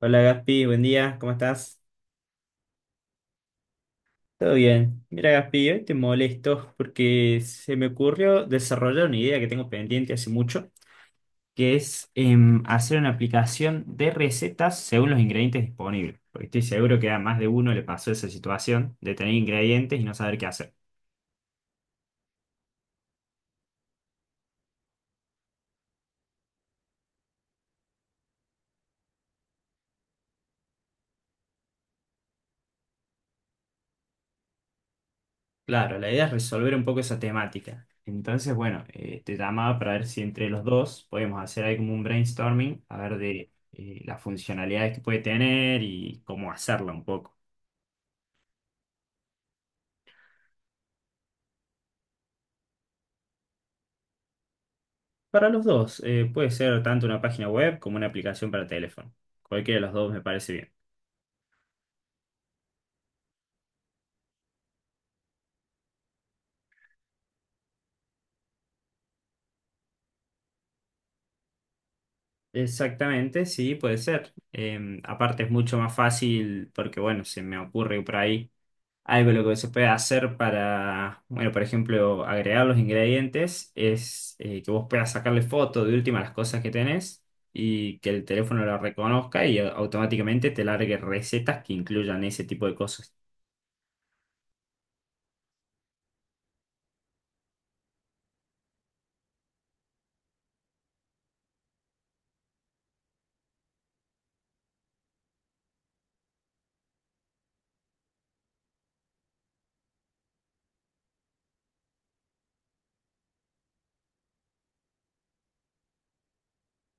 Hola Gaspi, buen día, ¿cómo estás? Todo bien. Mira Gaspi, hoy te molesto porque se me ocurrió desarrollar una idea que tengo pendiente hace mucho, que es hacer una aplicación de recetas según los ingredientes disponibles. Porque estoy seguro que a más de uno le pasó esa situación de tener ingredientes y no saber qué hacer. Claro, la idea es resolver un poco esa temática. Entonces, bueno, te llamaba para ver si entre los dos podemos hacer ahí como un brainstorming, a ver de las funcionalidades que puede tener y cómo hacerla un poco. Para los dos, puede ser tanto una página web como una aplicación para teléfono. Cualquiera de los dos me parece bien. Exactamente, sí, puede ser. Aparte es mucho más fácil porque, bueno, se me ocurre por ahí algo lo que se puede hacer para, bueno, por ejemplo, agregar los ingredientes es que vos puedas sacarle foto de última a las cosas que tenés y que el teléfono lo reconozca y automáticamente te largue recetas que incluyan ese tipo de cosas.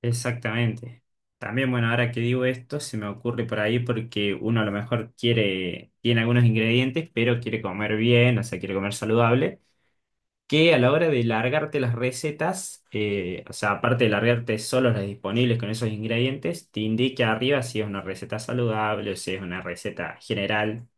Exactamente. También, bueno, ahora que digo esto, se me ocurre por ahí porque uno a lo mejor quiere, tiene algunos ingredientes, pero quiere comer bien, o sea, quiere comer saludable, que a la hora de largarte las recetas, o sea, aparte de largarte solo las disponibles con esos ingredientes, te indique arriba si es una receta saludable o si es una receta general.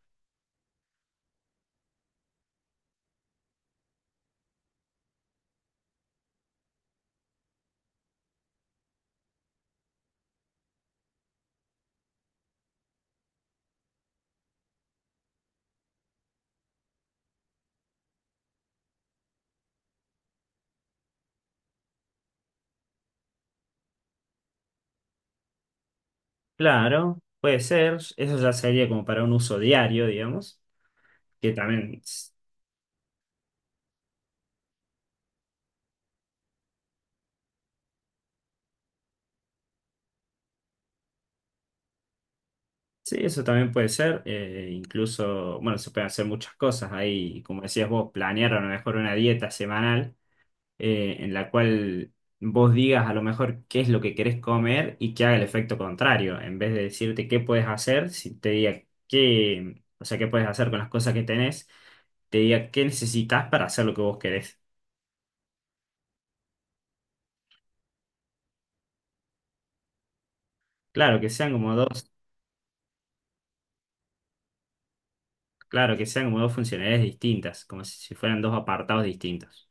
Claro, puede ser, eso ya sería como para un uso diario, digamos, que también. Sí, eso también puede ser. Incluso, bueno, se pueden hacer muchas cosas ahí. Como decías vos, planear a lo mejor una dieta semanal en la cual vos digas a lo mejor qué es lo que querés comer y que haga el efecto contrario. En vez de decirte qué puedes hacer, si te diga qué, o sea, qué puedes hacer con las cosas que tenés, te diga qué necesitas para hacer lo que vos querés. Claro, que sean como dos, claro, que sean como dos funcionalidades distintas, como si fueran dos apartados distintos.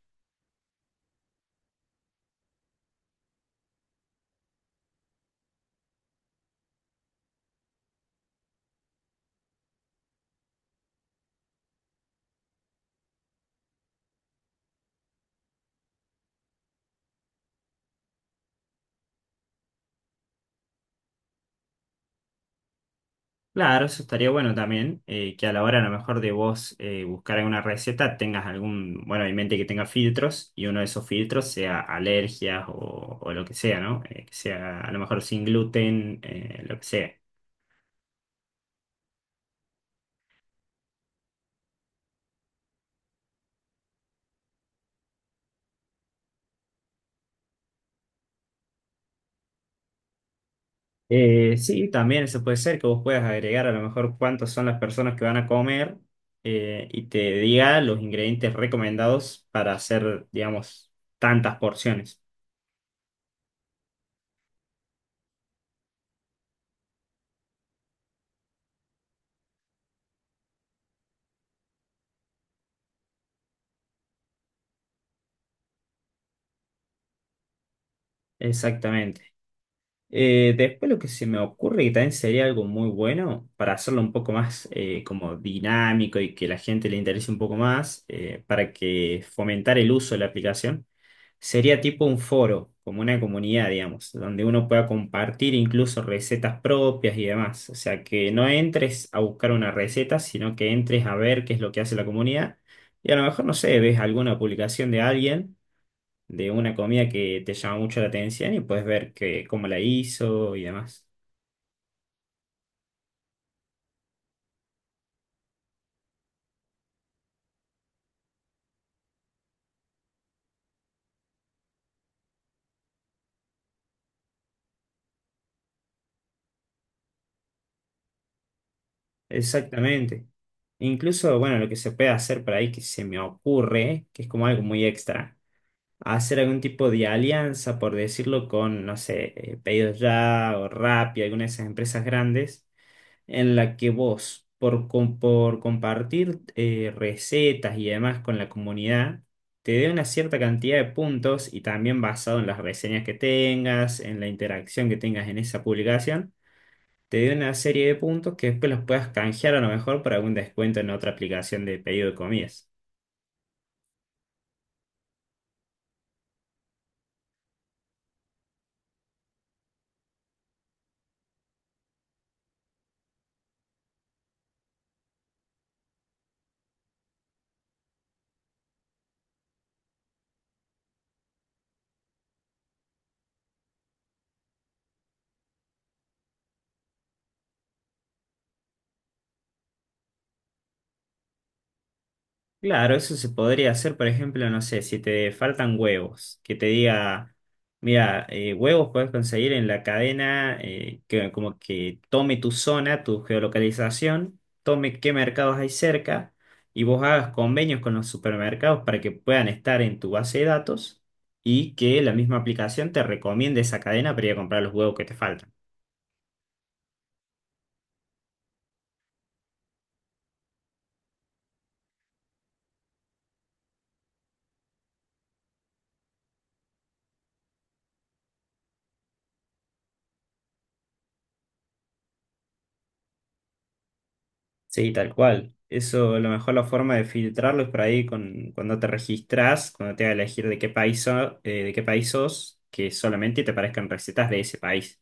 Claro, eso estaría bueno también, que a la hora a lo mejor de vos buscar alguna receta tengas algún, bueno, en mente que tenga filtros y uno de esos filtros sea alergias o lo que sea, ¿no? Que sea a lo mejor sin gluten, lo que sea. Sí, también eso puede ser que vos puedas agregar a lo mejor cuántas son las personas que van a comer y te diga los ingredientes recomendados para hacer, digamos, tantas porciones. Exactamente. Después lo que se me ocurre que también sería algo muy bueno para hacerlo un poco más como dinámico y que la gente le interese un poco más para que fomentar el uso de la aplicación sería tipo un foro, como una comunidad, digamos, donde uno pueda compartir incluso recetas propias y demás. O sea, que no entres a buscar una receta, sino que entres a ver qué es lo que hace la comunidad y a lo mejor, no sé, ves alguna publicación de alguien de una comida que te llama mucho la atención y puedes ver que, cómo la hizo y demás. Exactamente. Incluso, bueno, lo que se puede hacer por ahí que se me ocurre, que es como algo muy extra, hacer algún tipo de alianza, por decirlo, con, no sé, Pedidos Ya o Rappi, alguna de esas empresas grandes en la que vos, por compartir recetas y demás con la comunidad, te dé una cierta cantidad de puntos y también basado en las reseñas que tengas, en la interacción que tengas en esa publicación, te dé una serie de puntos que después los puedas canjear a lo mejor para algún descuento en otra aplicación de pedido de comidas. Claro, eso se podría hacer, por ejemplo, no sé, si te faltan huevos, que te diga, mira, huevos puedes conseguir en la cadena que como que tome tu zona, tu geolocalización, tome qué mercados hay cerca y vos hagas convenios con los supermercados para que puedan estar en tu base de datos y que la misma aplicación te recomiende esa cadena para ir a comprar los huevos que te faltan. Sí, tal cual. Eso, a lo mejor la forma de filtrarlo es por ahí con, cuando te registras, cuando te va a elegir de qué país, de qué país sos, que solamente te aparezcan recetas de ese país.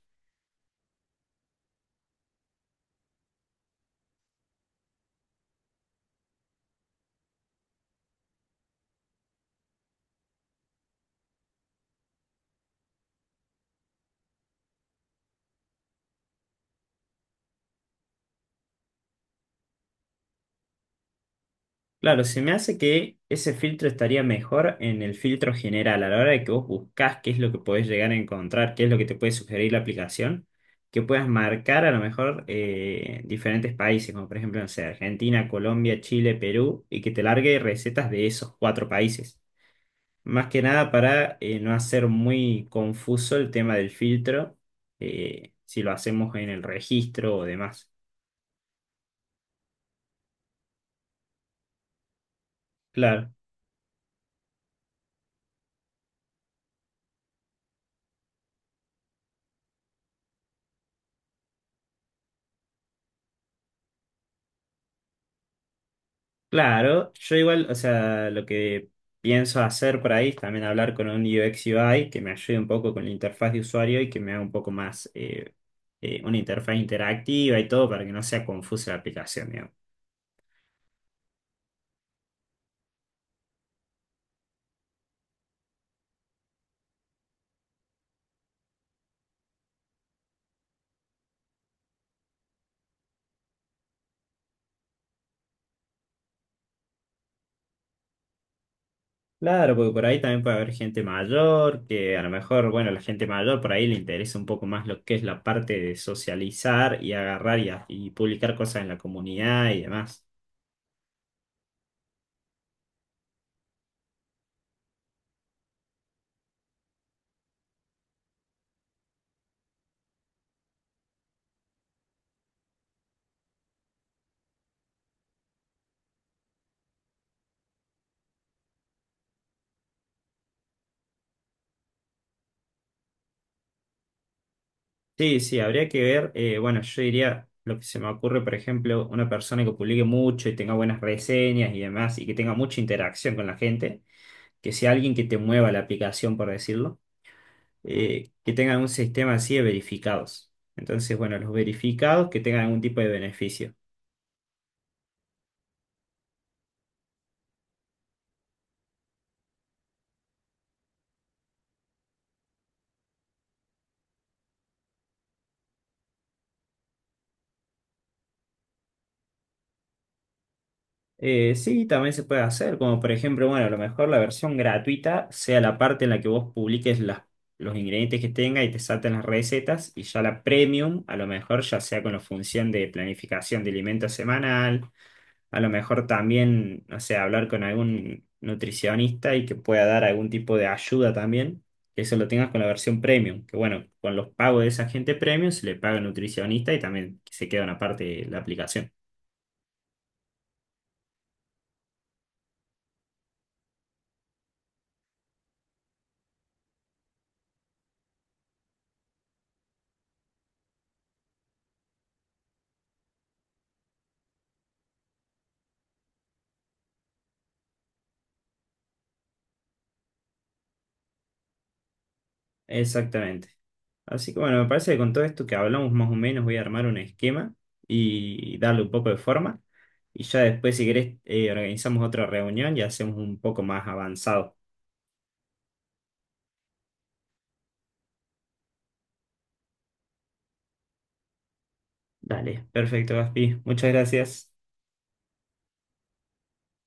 Claro, se me hace que ese filtro estaría mejor en el filtro general, a la hora de que vos buscas qué es lo que podés llegar a encontrar, qué es lo que te puede sugerir la aplicación, que puedas marcar a lo mejor diferentes países, como por ejemplo, no sé, Argentina, Colombia, Chile, Perú, y que te largue recetas de esos cuatro países. Más que nada para no hacer muy confuso el tema del filtro, si lo hacemos en el registro o demás. Claro, claro, yo igual, o sea, lo que pienso hacer por ahí es también hablar con un UX UI que me ayude un poco con la interfaz de usuario y que me haga un poco más una interfaz interactiva y todo para que no sea confusa la aplicación. Claro, porque por ahí también puede haber gente mayor, que a lo mejor, bueno, la gente mayor por ahí le interesa un poco más lo que es la parte de socializar y agarrar y, y publicar cosas en la comunidad y demás. Sí, sí, habría que ver, bueno, yo diría, lo que se me ocurre, por ejemplo, una persona que publique mucho y tenga buenas reseñas y demás, y que tenga mucha interacción con la gente, que sea alguien que te mueva la aplicación, por decirlo, que tenga un sistema así de verificados. Entonces, bueno, los verificados que tengan algún tipo de beneficio. Sí, también se puede hacer, como por ejemplo, bueno, a lo mejor la versión gratuita sea la parte en la que vos publiques los ingredientes que tenga y te salten las recetas, y ya la premium, a lo mejor ya sea con la función de planificación de alimento semanal, a lo mejor también, no sé, hablar con algún nutricionista y que pueda dar algún tipo de ayuda también, que eso lo tengas con la versión premium, que bueno, con los pagos de esa gente premium se le paga al nutricionista y también se queda una parte de la aplicación. Exactamente. Así que bueno, me parece que con todo esto que hablamos más o menos voy a armar un esquema y darle un poco de forma. Y ya después, si querés, organizamos otra reunión y hacemos un poco más avanzado. Dale, perfecto, Gaspi. Muchas gracias.